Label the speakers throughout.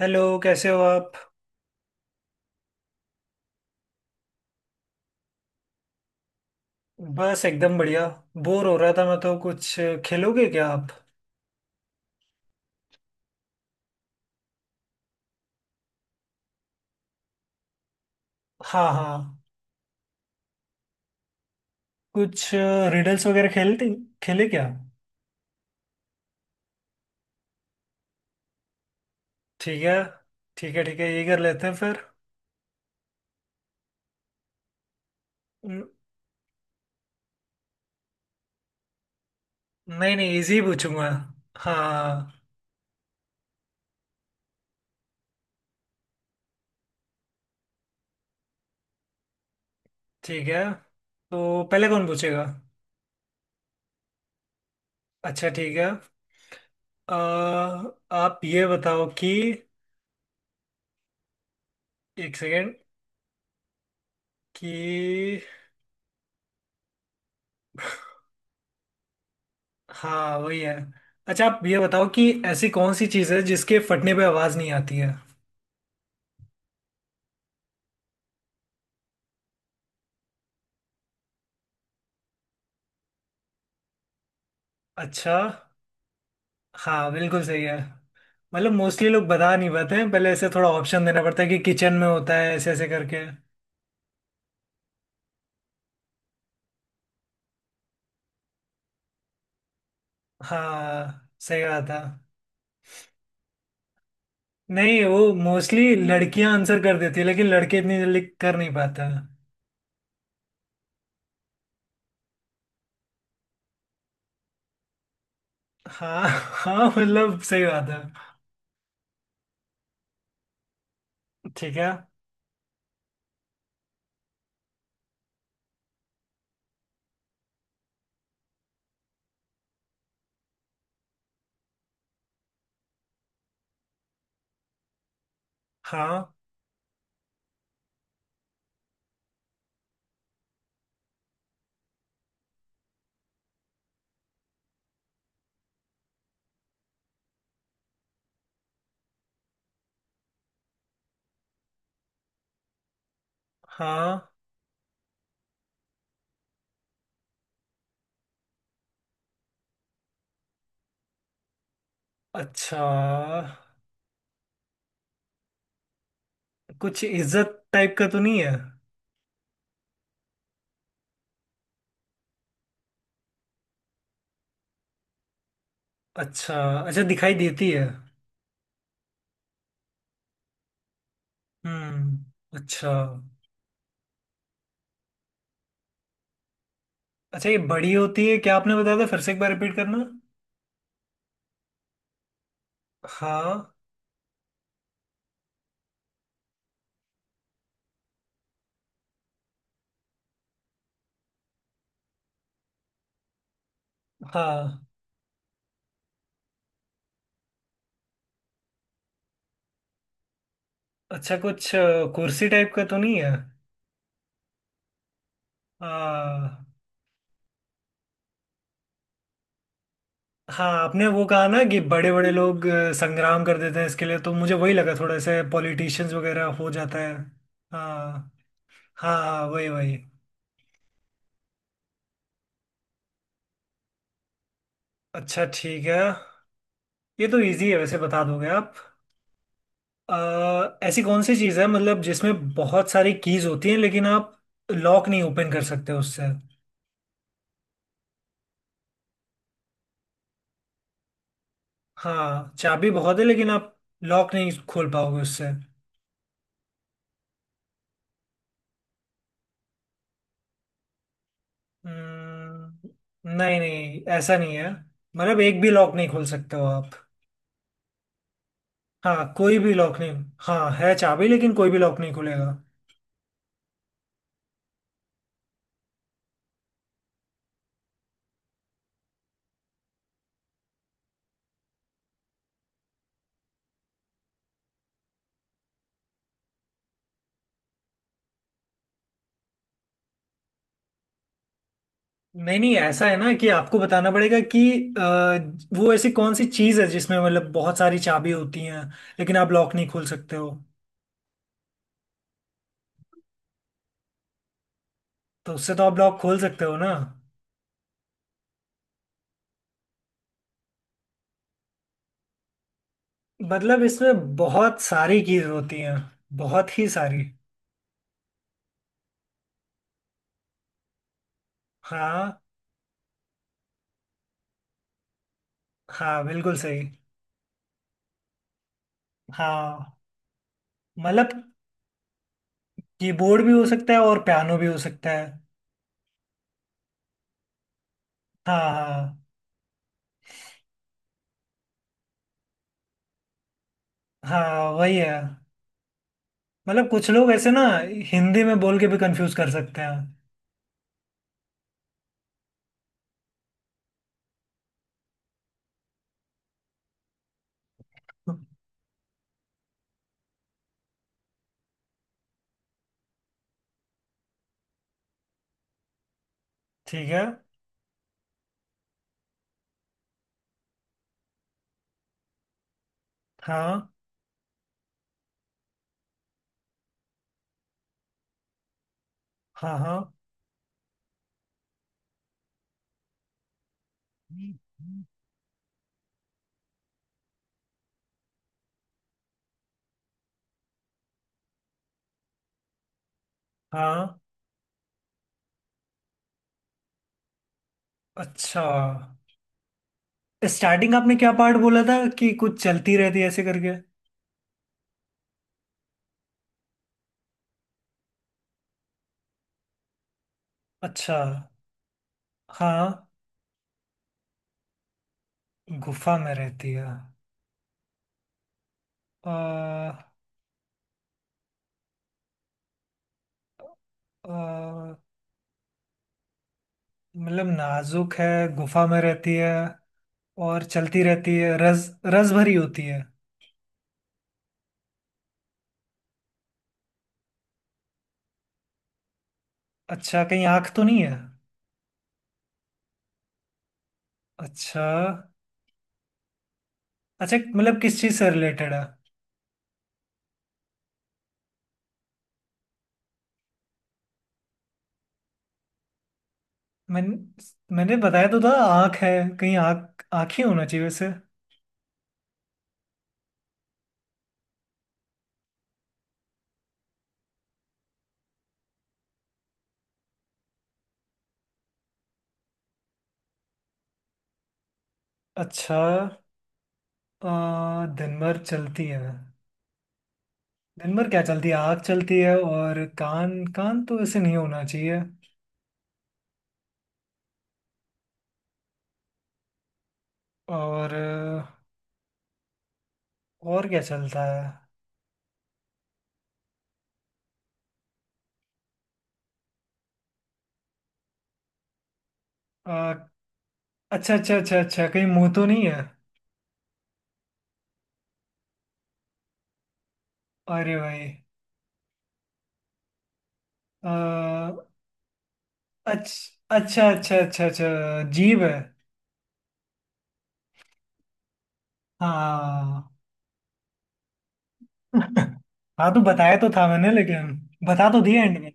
Speaker 1: Hello, कैसे हो आप। बस एकदम बढ़िया। बोर हो रहा था मैं तो कुछ। खेलोगे क्या आप। हाँ, हाँ। कुछ रिडल्स वगैरह खेलते खेले क्या। ठीक है, ठीक है, ठीक है, ये कर लेते हैं फिर। न- नहीं, नहीं, इजी पूछूंगा। हाँ। ठीक है, तो पहले कौन पूछेगा। अच्छा, ठीक है। अ, आप ये बताओ कि एक सेकेंड। कि। हाँ, वही है। अच्छा, आप ये बताओ कि ऐसी कौन सी चीज़ है जिसके फटने पे आवाज़ नहीं आती है। अच्छा। हाँ, बिल्कुल सही है। मतलब मोस्टली लोग बता नहीं पाते हैं, पहले ऐसे थोड़ा ऑप्शन देना पड़ता है कि किचन में होता है, ऐसे ऐसे करके। हाँ, सही बात है। नहीं, वो मोस्टली लड़कियां आंसर कर देती है, लेकिन लड़के इतनी जल्दी कर नहीं पाते हैं। हाँ, हाँ, मतलब सही बात है। ठीक है। हाँ, हाँ। अच्छा, कुछ इज्जत टाइप का तो नहीं है। अच्छा। अच्छा, दिखाई देती है। हम्म। अच्छा। अच्छा, ये बड़ी होती है क्या? आपने बताया था, फिर से एक बार रिपीट करना। हाँ। हाँ। अच्छा, कुछ कुर्सी टाइप का तो नहीं है। हाँ। हाँ, आपने वो कहा ना कि बड़े बड़े लोग संग्राम कर देते हैं इसके लिए, तो मुझे वही लगा थोड़ा सा पॉलिटिशियंस वगैरह हो जाता है। हाँ। हाँ, हाँ, वही वही। अच्छा, ठीक है। ये तो इजी है, वैसे बता दोगे आप। ऐसी कौन सी चीज़ है मतलब जिसमें बहुत सारी कीज होती हैं, लेकिन आप लॉक नहीं ओपन कर सकते उससे। हाँ, चाबी बहुत है, लेकिन आप लॉक नहीं खोल पाओगे उससे। हम्म, नहीं, नहीं, ऐसा नहीं है, मतलब एक भी लॉक नहीं खोल सकते हो आप। हाँ, कोई भी लॉक नहीं। हाँ, है चाबी, लेकिन कोई भी लॉक नहीं खुलेगा। नहीं, नहीं, ऐसा है ना कि आपको बताना पड़ेगा कि अ, वो ऐसी कौन सी चीज़ है जिसमें मतलब बहुत सारी चाबी होती हैं, लेकिन आप लॉक नहीं खोल सकते हो। तो उससे तो आप लॉक खोल सकते हो ना। मतलब इसमें बहुत सारी चीज़ होती हैं, बहुत ही सारी। हाँ। हाँ, बिल्कुल सही। हाँ, मतलब कीबोर्ड भी हो सकता है और पियानो भी हो सकता है। हाँ, हाँ। हाँ, वही है। मतलब कुछ लोग ऐसे ना, हिंदी में बोल के भी कंफ्यूज कर सकते हैं। ठीक है। हाँ, हाँ, हाँ, हाँ। अच्छा, स्टार्टिंग आपने क्या पार्ट बोला था कि कुछ चलती रहती है, ऐसे करके। अच्छा। हाँ। गुफा में रहती है। अ, अ, मतलब नाजुक है, गुफा में रहती है और चलती रहती है, रस रस भरी होती है। अच्छा, कहीं आँख तो नहीं है। अच्छा। अच्छा, मतलब किस चीज से रिलेटेड है? मैंने मैंने बताया तो था, आँख है। कहीं आँख आँख ही होना चाहिए वैसे। अच्छा। दिन भर चलती है। दिन भर क्या चलती है, आँख चलती है और कान, कान तो वैसे नहीं होना चाहिए। और और क्या चलता है? आ, अच्छा, अच्छा, अच्छा, अच्छा, कहीं मुंह तो नहीं है? अरे भाई। आ, अच्छा, अच्छा, अच्छा, अच्छा, अच्छा। जीभ है। हाँ, हाँ, तो बताया तो था मैंने, लेकिन बता तो दिया एंड में।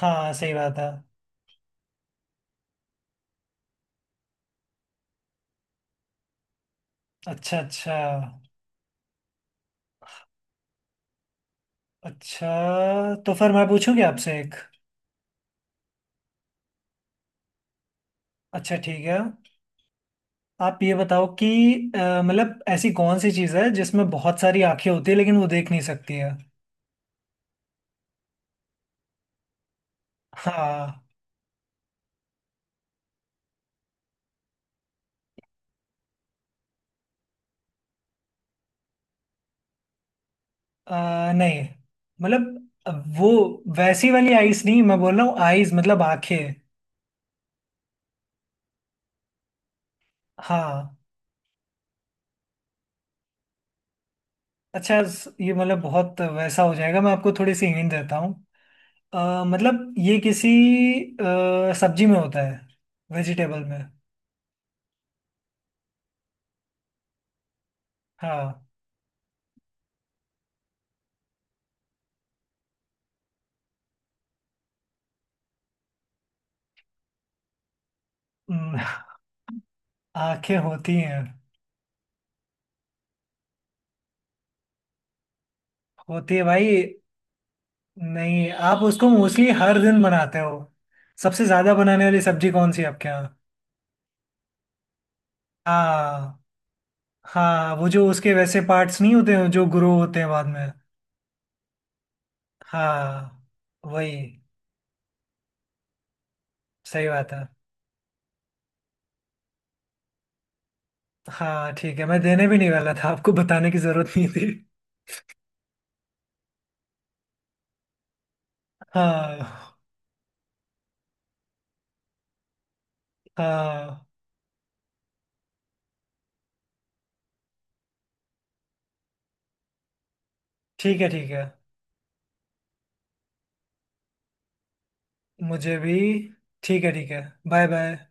Speaker 1: हाँ, सही बात है। अच्छा, अच्छा, अच्छा, तो फिर मैं पूछूंगी आपसे एक। अच्छा, ठीक है। आप ये बताओ कि मतलब ऐसी कौन सी चीज़ है जिसमें बहुत सारी आंखें होती है, लेकिन वो देख नहीं सकती है। हाँ। नहीं, मतलब वो वैसी वाली आईज नहीं मैं बोल रहा हूँ, आईज मतलब आंखें। हाँ। अच्छा, ये मतलब बहुत वैसा हो जाएगा, मैं आपको थोड़ी सी हिंट देता हूँ। मतलब ये किसी सब्जी में होता है, वेजिटेबल में। हाँ। हम्म, आंखें होती हैं। होती है भाई। नहीं, आप उसको मोस्टली हर दिन बनाते हो। सबसे ज्यादा बनाने वाली सब्जी कौन सी है आपके यहाँ? हाँ। हाँ, वो जो उसके वैसे पार्ट्स नहीं होते हैं जो ग्रो होते हैं बाद में। हाँ, वही। सही बात है। हाँ, ठीक है, मैं देने भी नहीं वाला था, आपको बताने की जरूरत नहीं थी। हाँ। हाँ, ठीक है, ठीक है, मुझे भी। ठीक है, ठीक है। Bye, bye.